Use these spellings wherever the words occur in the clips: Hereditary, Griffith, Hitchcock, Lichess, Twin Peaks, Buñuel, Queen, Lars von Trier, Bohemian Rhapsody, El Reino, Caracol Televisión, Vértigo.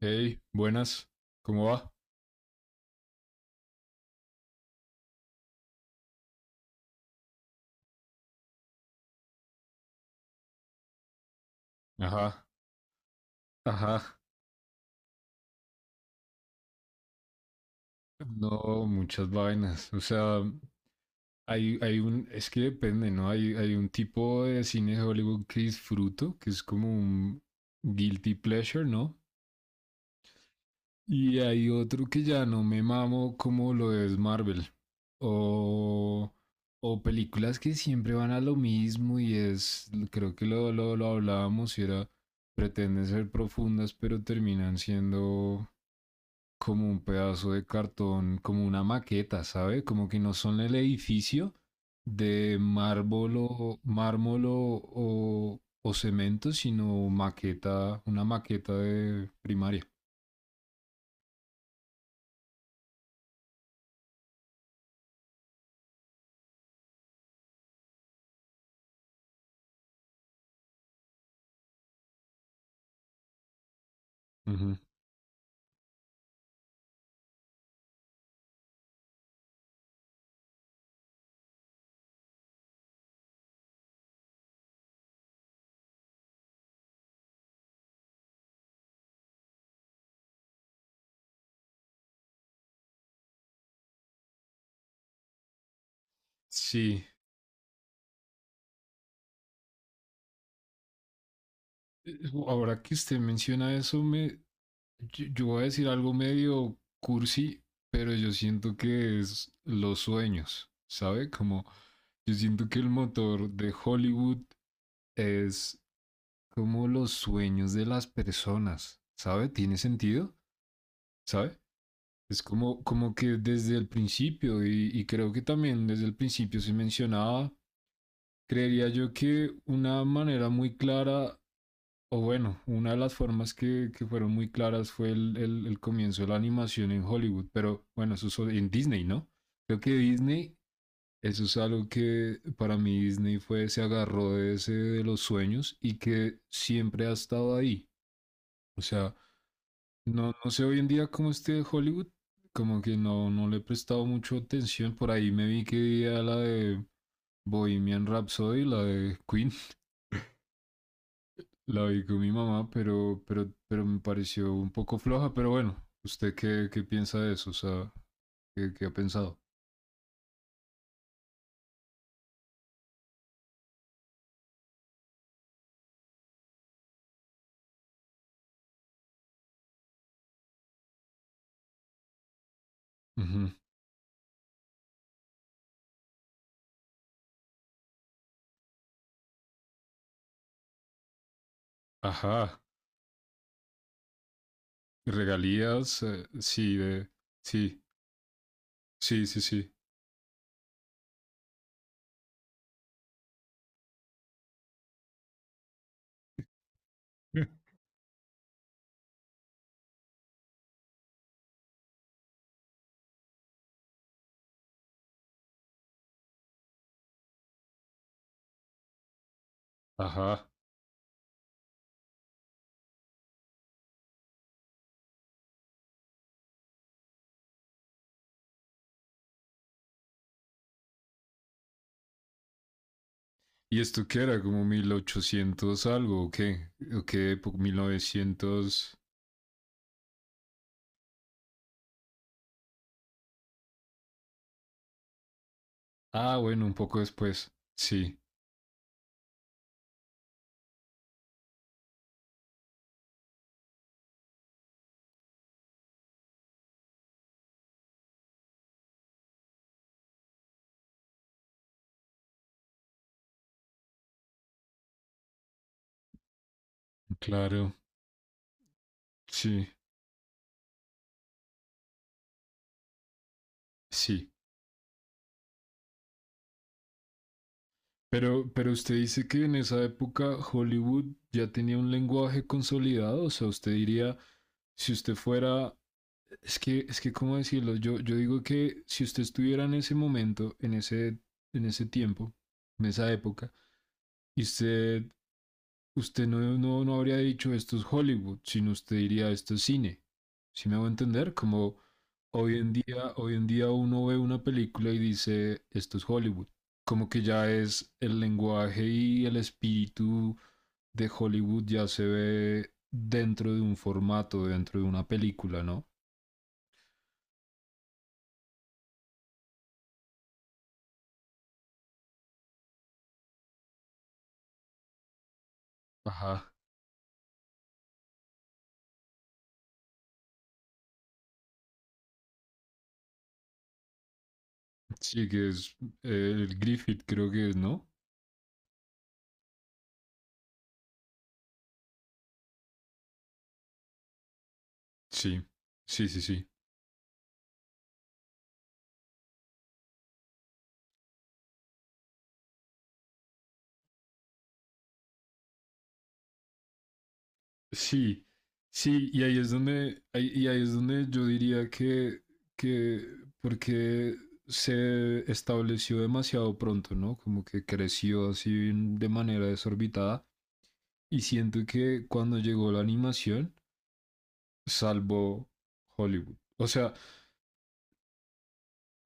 Hey, buenas, ¿cómo va? Ajá, ajá. No, muchas vainas. O sea, hay un, es que depende, ¿no? Hay un tipo de cine de Hollywood que disfruto, que es como un guilty pleasure, ¿no? Y hay otro que ya no me mamo como lo es Marvel. O, o películas que siempre van a lo mismo y es, creo que lo hablábamos y era, pretenden ser profundas, pero terminan siendo como un pedazo de cartón, como una maqueta, ¿sabe? Como que no son el edificio de mármol o cemento, sino maqueta, una maqueta de primaria. Ujú. Sí. Eh, Ahora que usted menciona eso, yo voy a decir algo medio cursi, pero yo siento que es los sueños, ¿sabe? Como yo siento que el motor de Hollywood es como los sueños de las personas, ¿sabe? ¿Tiene sentido? ¿Sabe? Es como, como que desde el principio, y creo que también desde el principio se mencionaba, creería yo que una manera muy clara, o bueno, una de las formas que fueron muy claras fue el comienzo de la animación en Hollywood, pero bueno, eso es en Disney, ¿no? Creo que Disney eso es algo que para mí Disney fue, se agarró de ese de los sueños y que siempre ha estado ahí. O sea, no, no sé hoy en día cómo esté Hollywood, como que no, no le he prestado mucho atención. Por ahí me vi que veía la de Bohemian Rhapsody, la de Queen, la vi con mi mamá, pero me pareció un poco floja. Pero bueno, ¿usted qué piensa de eso? O sea, ¿qué ha pensado? Ujú. Ajá, regalías, sí, de, sí, sí, sí, sí. Ajá. ¿Y esto qué era? ¿Como 1800 algo o qué? ¿O qué época? ¿1900? Ah, bueno, un poco después. Sí, claro, sí, sí. Pero usted dice que en esa época Hollywood ya tenía un lenguaje consolidado, o sea, usted diría, si usted fuera, es que, ¿cómo decirlo? Yo digo que si usted estuviera en ese momento, en ese tiempo, en esa época, y usted usted no habría dicho esto es Hollywood, sino usted diría esto es cine. ¿Sí me hago entender? Como hoy en día uno ve una película y dice esto es Hollywood. Como que ya es el lenguaje y el espíritu de Hollywood ya se ve dentro de un formato, dentro de una película, ¿no? Ajá. Sí, que es el Griffith, creo que es, ¿no? Sí, sí, sí, sí. Sí, sí, y ahí es donde, ahí es donde yo diría que, que porque se estableció demasiado pronto, ¿no? Como que creció así de manera desorbitada. Y siento que cuando llegó la animación, salvó Hollywood. O sea,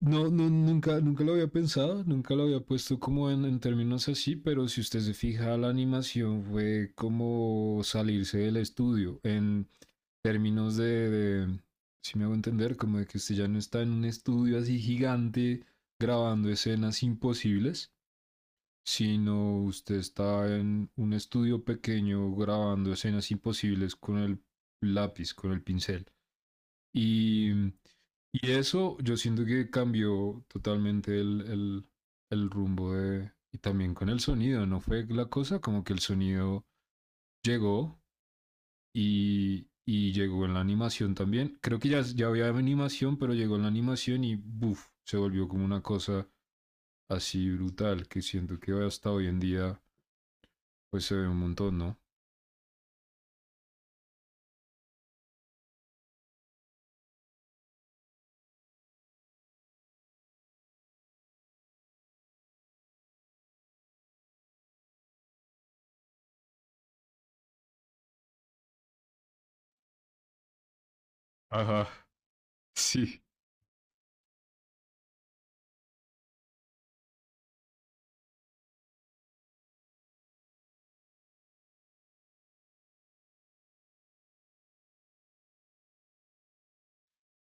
no, nunca lo había pensado, nunca lo había puesto como en términos así, pero si usted se fija, la animación fue como salirse del estudio en términos si me hago entender, como de que usted ya no está en un estudio así gigante grabando escenas imposibles, sino usted está en un estudio pequeño grabando escenas imposibles con el lápiz, con el pincel. Y, y eso yo siento que cambió totalmente el rumbo de... Y también con el sonido, ¿no fue la cosa? Como que el sonido llegó y llegó en la animación también. Creo que ya había animación, pero llegó en la animación y buf, se volvió como una cosa así brutal que siento que hasta hoy en día pues se ve un montón, ¿no? Ajá. Sí,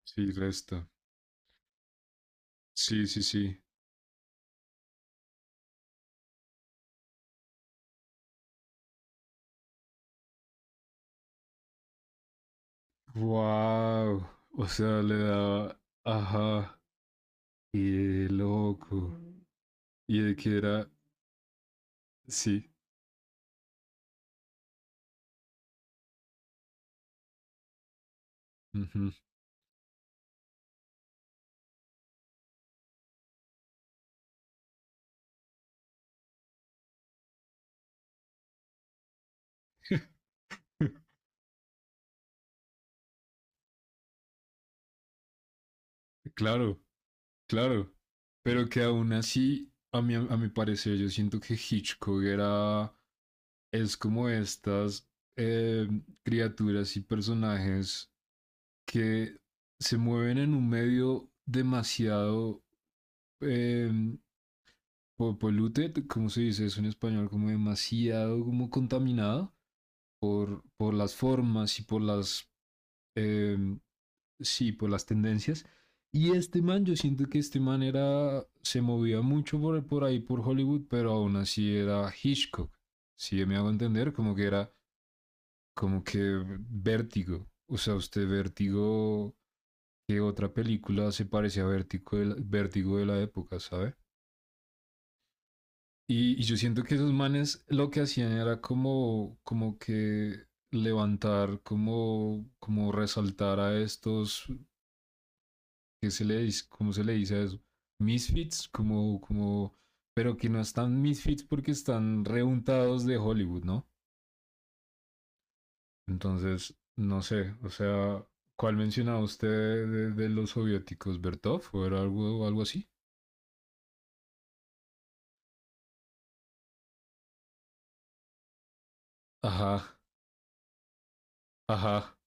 sí, resta. Sí, sí, sí. Wow. O sea, le daba. Ajá. Qué loco. Y de que era. Sí. Ujú. Claro. Claro, pero que aún así, a mi parecer, yo siento que Hitchcock era, es como estas eh, criaturas y personajes que se mueven en un medio demasiado eh, polluted, ¿cómo se dice eso en español? Como demasiado como contaminado por, las formas y por las eh, sí, por las tendencias. Y este man, yo siento que este man era, se movía mucho por, ahí, por Hollywood, pero aún así era Hitchcock. Si me hago entender, como que era, como que vértigo. O sea, usted vértigo, ¿qué otra película se parece a vértigo vértigo de la época? ¿Sabe? Y yo siento que esos manes lo que hacían era como, como que levantar, como, como resaltar a estos ¿qué se le dice? ¿Cómo se le dice a eso? Misfits, como, como, pero que no están misfits porque están reuntados de Hollywood, ¿no? Entonces, no sé, o sea, ¿cuál mencionaba usted de los soviéticos? ¿Bertov o era algo así? Ajá, ajá,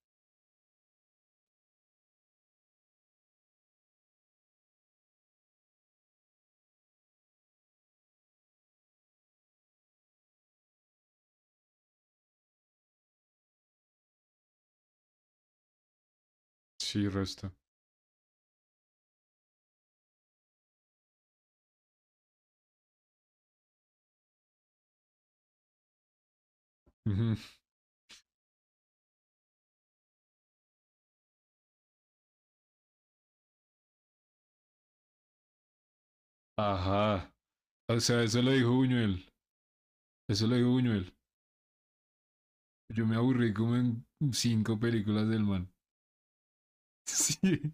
sí, resta. Ujú, ajá, o sea, eso lo dijo Buñuel, eso lo dijo Buñuel. Yo me aburrí como en cinco películas del man. Sí.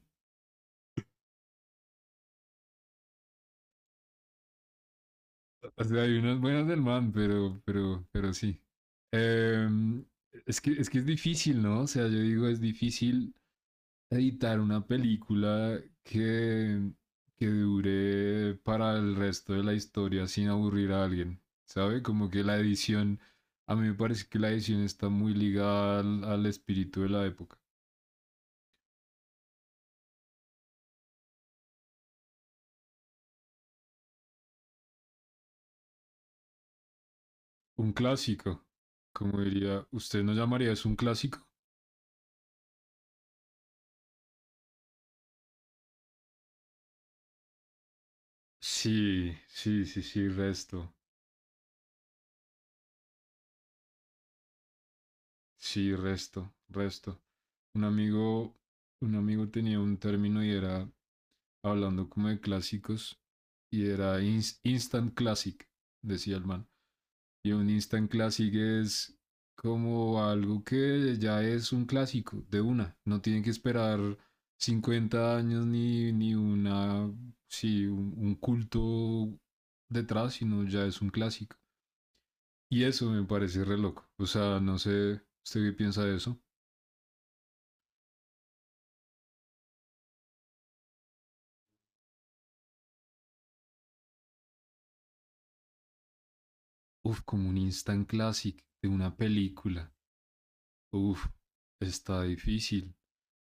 O sea, hay unas buenas del man, pero sí. Em, es que es difícil, ¿no? O sea, yo digo, es difícil editar una película que dure para el resto de la historia sin aburrir a alguien, ¿sabe? Como que la edición, a mí me parece que la edición está muy ligada al espíritu de la época. Un clásico, como diría, ¿usted no llamaría eso un clásico? Sí, sí, sí, sí, resto. Sí, resto, resto. Un amigo, un amigo tenía un término y era hablando como de clásicos y era instant classic, decía el man. Y un instant classic es como algo que ya es un clásico de una. No tienen que esperar 50 años ni una, sí, un, culto detrás, sino ya es un clásico. Y eso me parece re loco. O sea, no sé, ¿usted qué piensa de eso? Uf, como un instant classic de una película. Uf, está difícil.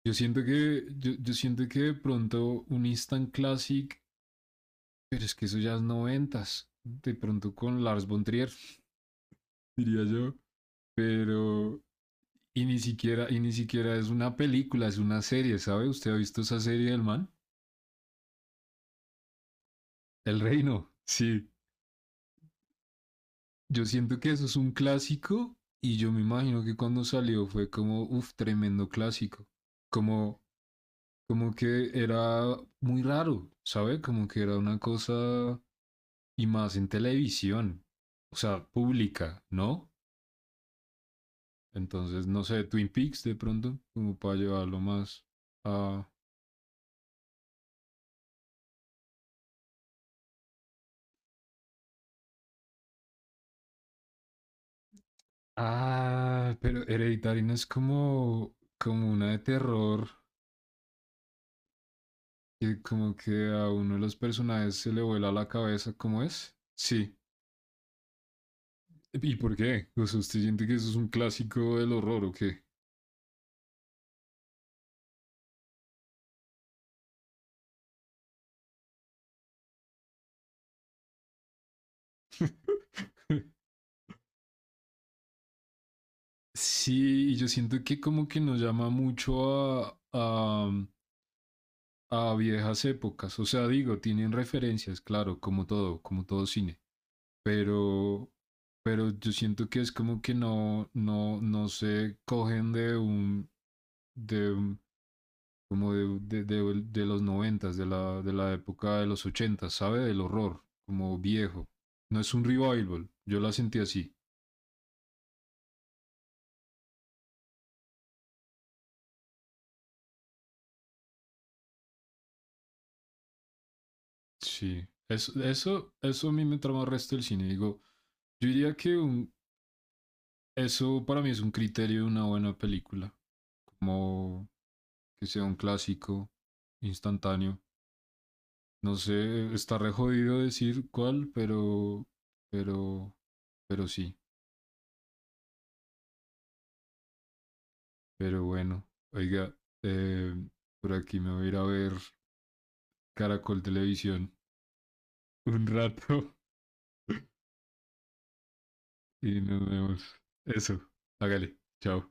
Yo siento que de pronto un instant classic, pero es que eso ya es 90s. De pronto con Lars von Trier, diría yo. Pero, y ni siquiera es una película, es una serie, ¿sabe? ¿Usted ha visto esa serie del man? El Reino. Sí. Yo siento que eso es un clásico y yo me imagino que cuando salió fue como, uf, tremendo clásico. Como como que era muy raro, ¿sabe? Como que era una cosa y más en televisión, o sea, pública, ¿no? Entonces, no sé, Twin Peaks de pronto, como para llevarlo más a... Ah, pero Hereditary no es como, como una de terror, que como que a uno de los personajes se le vuela la cabeza, ¿cómo es? Sí. ¿Y por qué? O sea, ¿usted siente que eso es un clásico del horror o qué? Sí, y yo siento que como que nos llama mucho a, a viejas épocas. O sea, digo, tienen referencias, claro, como todo cine. Pero, pero yo siento que es como que no se cogen de un- como de los 90s, de la época de los 80s, ¿sabe? Del horror, como viejo. No es un revival, yo la sentí así. Sí, eso a mí me trama el resto del cine. Digo, yo diría que eso para mí es un criterio de una buena película, como que sea un clásico instantáneo. No sé, está re jodido decir cuál, pero, pero sí, pero bueno. Oiga, eh, por aquí me voy a ir a ver Caracol Televisión un rato. Y nos vemos. Eso, hágale, chao.